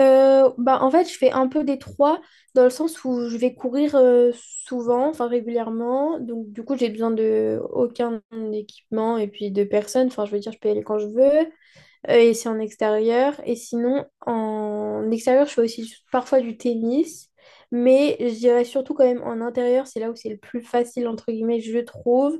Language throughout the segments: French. Je fais un peu des trois dans le sens où je vais courir souvent, enfin régulièrement. Donc, du coup, j'ai besoin de aucun équipement et puis de personne. Enfin, je veux dire, je peux y aller quand je veux. Et c'est en extérieur. Et sinon, en extérieur, je fais aussi parfois du tennis. Mais je dirais surtout quand même en intérieur, c'est là où c'est le plus facile, entre guillemets, je trouve.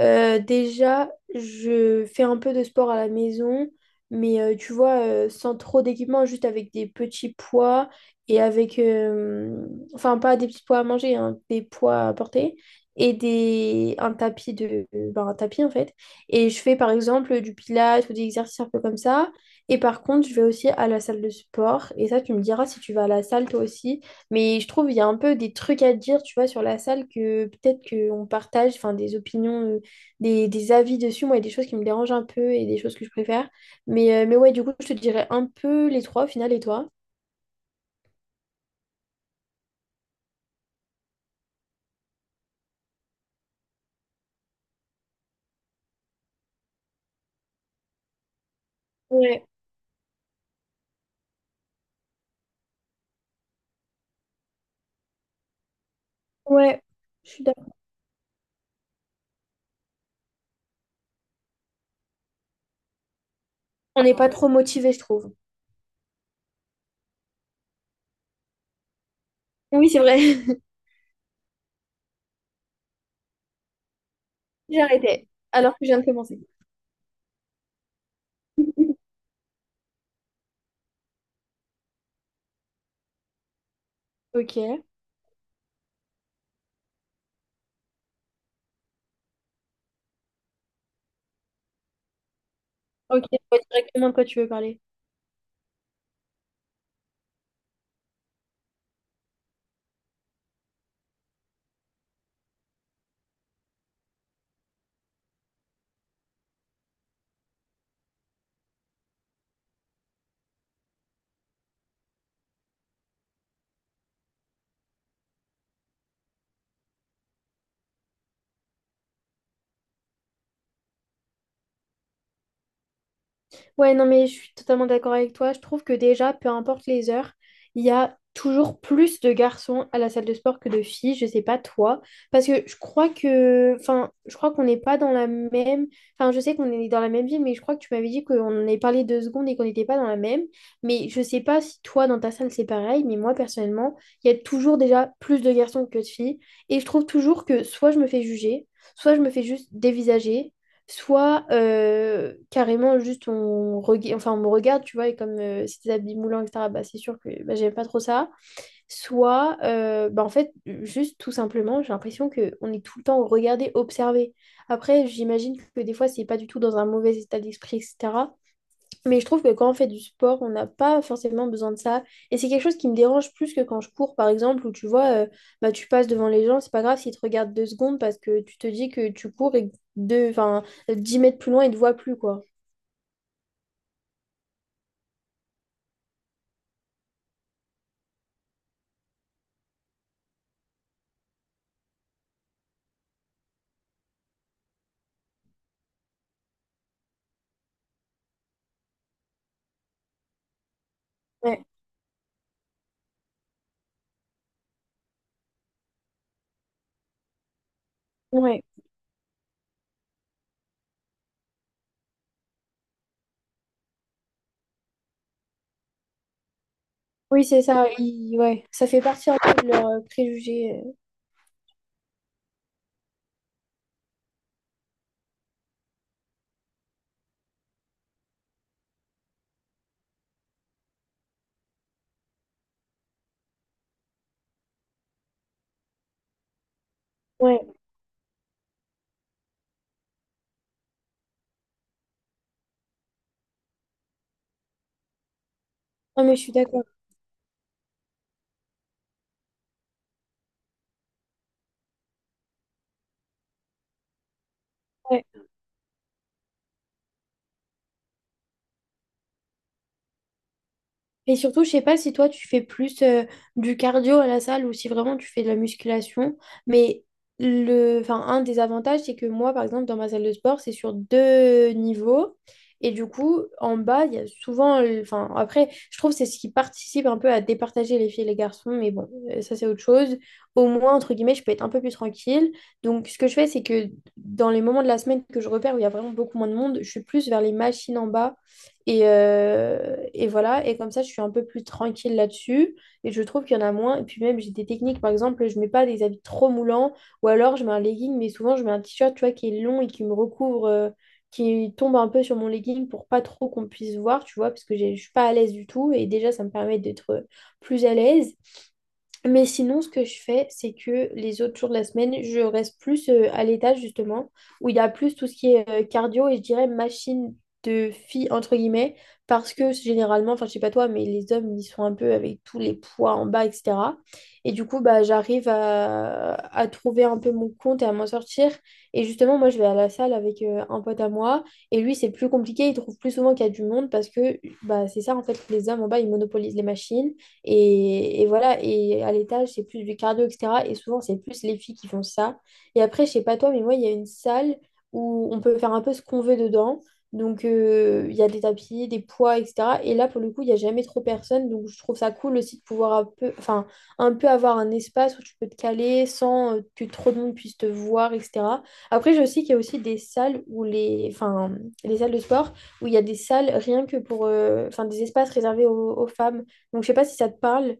Déjà, je fais un peu de sport à la maison. Mais tu vois, sans trop d'équipement, juste avec des petits poids et enfin, pas des petits poids à manger, hein, des poids à porter et un tapis, un tapis en fait. Et je fais par exemple du pilates ou des exercices un peu comme ça. Et par contre, je vais aussi à la salle de sport. Et ça, tu me diras si tu vas à la salle toi aussi. Mais je trouve il y a un peu des trucs à dire, tu vois, sur la salle que peut-être qu'on partage, enfin des opinions, des avis dessus. Moi, il y a des choses qui me dérangent un peu et des choses que je préfère. Mais ouais, du coup, je te dirais un peu les trois au final. Et toi? Ouais, ouais, je suis d'accord. On n'est pas trop motivé, je trouve. Oui, c'est vrai. J'ai arrêté. Alors que je viens de commencer. Ok. Ok, je vois directement de quoi tu veux parler. Ouais, non, mais je suis totalement d'accord avec toi. Je trouve que déjà, peu importe les heures, il y a toujours plus de garçons à la salle de sport que de filles. Je sais pas toi. Parce que je crois que. Enfin, je crois qu'on n'est pas dans la même. Enfin, je sais qu'on est dans la même ville, mais je crois que tu m'avais dit qu'on en avait parlé deux secondes et qu'on n'était pas dans la même. Mais je sais pas si toi, dans ta salle, c'est pareil. Mais moi, personnellement, il y a toujours déjà plus de garçons que de filles. Et je trouve toujours que soit je me fais juger, soit je me fais juste dévisager. Soit carrément juste on me regarde, tu vois, et comme c'est des habits moulants, etc., bah, c'est sûr que bah, j'aime pas trop ça. Soit en fait, juste tout simplement, j'ai l'impression qu'on est tout le temps regardé, observé. Après, j'imagine que des fois, c'est pas du tout dans un mauvais état d'esprit, etc. Mais je trouve que quand on fait du sport, on n'a pas forcément besoin de ça. Et c'est quelque chose qui me dérange plus que quand je cours, par exemple, où tu vois, tu passes devant les gens, c'est pas grave s'ils te regardent 2 secondes parce que tu te dis que tu cours et que 10 mètres plus loin, ils te voient plus, quoi. Ouais, ouais. Oui, c'est ça. Ouais. Ça fait partie un peu de leurs préjugés. Ouais. Non, mais je suis d'accord. Ouais. Et surtout, je sais pas si toi tu fais plus du cardio à la salle ou si vraiment tu fais de la musculation, mais enfin, un des avantages, c'est que moi, par exemple, dans ma salle de sport, c'est sur deux niveaux. Et du coup, en bas, il y a souvent, après, je trouve que c'est ce qui participe un peu à départager les filles et les garçons, mais bon, ça c'est autre chose. Au moins, entre guillemets, je peux être un peu plus tranquille. Donc, ce que je fais, c'est que dans les moments de la semaine que je repère où il y a vraiment beaucoup moins de monde, je suis plus vers les machines en bas et voilà, et comme ça, je suis un peu plus tranquille là-dessus. Et je trouve qu'il y en a moins. Et puis même, j'ai des techniques, par exemple, je mets pas des habits trop moulants, ou alors je mets un legging, mais souvent, je mets un t-shirt, tu vois, qui est long et qui me recouvre, qui tombe un peu sur mon legging pour pas trop qu'on puisse voir, tu vois, parce que je suis pas à l'aise du tout. Et déjà, ça me permet d'être plus à l'aise. Mais sinon, ce que je fais, c'est que les autres jours de la semaine, je reste plus à l'étage, justement, où il y a plus tout ce qui est cardio et je dirais machine de fille, entre guillemets, parce que généralement, enfin, je sais pas toi, mais les hommes, ils sont un peu avec tous les poids en bas, etc. Et du coup, bah, j'arrive à trouver un peu mon compte et à m'en sortir. Et justement, moi, je vais à la salle avec un pote à moi et lui, c'est plus compliqué, il trouve plus souvent qu'il y a du monde parce que, bah, c'est ça, en fait, les hommes en bas, ils monopolisent les machines. Et voilà, et à l'étage, c'est plus du cardio, etc. Et souvent, c'est plus les filles qui font ça. Et après, je sais pas toi, mais moi, il y a une salle où on peut faire un peu ce qu'on veut dedans. Donc, il y a des tapis, des poids, etc. Et là, pour le coup, il n'y a jamais trop personne. Donc, je trouve ça cool aussi de pouvoir un peu avoir un espace où tu peux te caler sans que trop de monde puisse te voir, etc. Après, je sais qu'il y a aussi des salles où les salles de sport où il y a des salles rien que pour, enfin, des espaces réservés aux, aux femmes. Donc, je sais pas si ça te parle.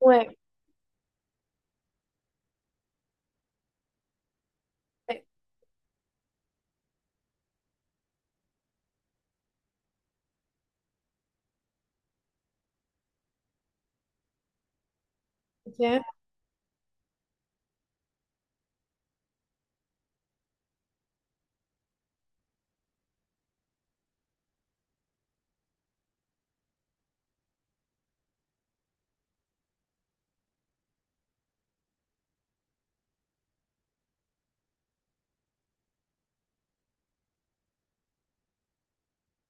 Ouais, ouais, ok.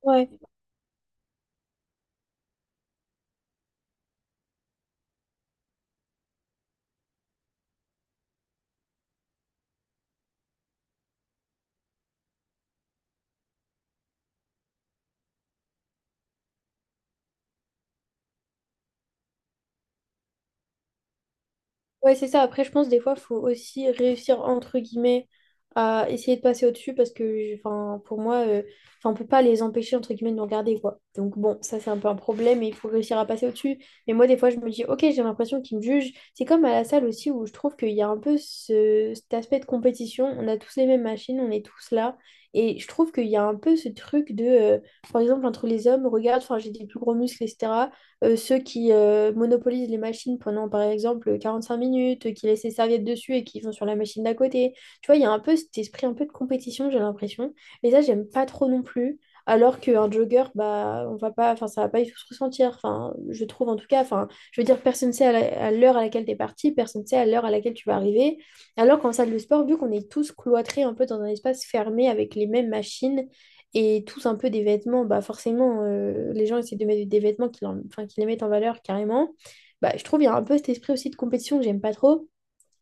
Ouais, ouais, c'est ça. Après, je pense des fois, faut aussi réussir entre guillemets à essayer de passer au-dessus parce que, enfin, on peut pas les empêcher entre guillemets de nous regarder, quoi. Donc bon, ça c'est un peu un problème et il faut réussir à passer au-dessus. Mais moi, des fois, je me dis, ok, j'ai l'impression qu'ils me jugent. C'est comme à la salle aussi où je trouve qu'il y a un peu cet aspect de compétition. On a tous les mêmes machines, on est tous là. Et je trouve qu'il y a un peu ce truc de, par exemple, entre les hommes, regarde, enfin, j'ai des plus gros muscles, etc. Ceux qui monopolisent les machines pendant, par exemple, 45 minutes, qui laissent les serviettes dessus et qui vont sur la machine d'à côté. Tu vois, il y a un peu cet esprit un peu de compétition, j'ai l'impression. Et ça, j'aime pas trop non plus. Alors qu'un jogger, bah, on va pas, enfin, ça va pas du tout se ressentir. Enfin, je trouve en tout cas, enfin, je veux dire, personne ne sait à à l'heure à laquelle t'es parti, personne ne sait à l'heure à laquelle tu vas arriver. Alors qu'en salle de sport, vu qu'on est tous cloîtrés un peu dans un espace fermé avec les mêmes machines, et tous un peu des vêtements, bah forcément, les gens essaient de mettre des vêtements qui les mettent en valeur carrément. Bah, je trouve qu'il y a un peu cet esprit aussi de compétition que j'aime pas trop.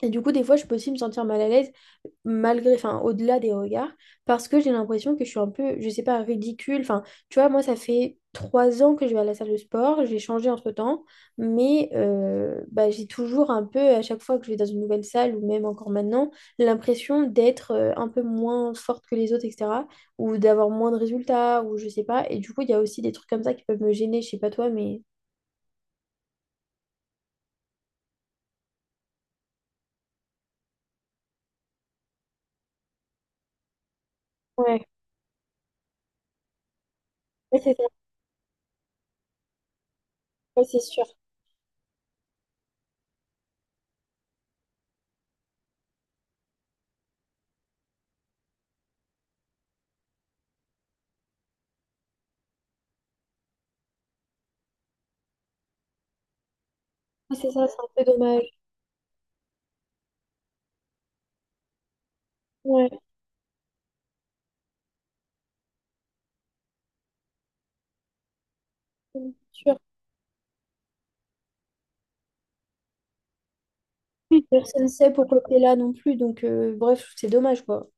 Et du coup, des fois, je peux aussi me sentir mal à l'aise, malgré, enfin, au-delà des regards, parce que j'ai l'impression que je suis un peu, je sais pas, ridicule. Enfin, tu vois, moi, ça fait 3 ans que je vais à la salle de sport, j'ai changé entre-temps, mais j'ai toujours un peu, à chaque fois que je vais dans une nouvelle salle, ou même encore maintenant, l'impression d'être un peu moins forte que les autres, etc., ou d'avoir moins de résultats, ou je sais pas. Et du coup, il y a aussi des trucs comme ça qui peuvent me gêner, je sais pas toi, mais... Ouais, ouais, c'est ça. Ouais, c'est sûr. Ouais, c'est ça, c'est un peu dommage. Ouais, c'est sûr. Oui, personne ne sait pourquoi t'es là non plus. Donc, bref, c'est dommage, quoi.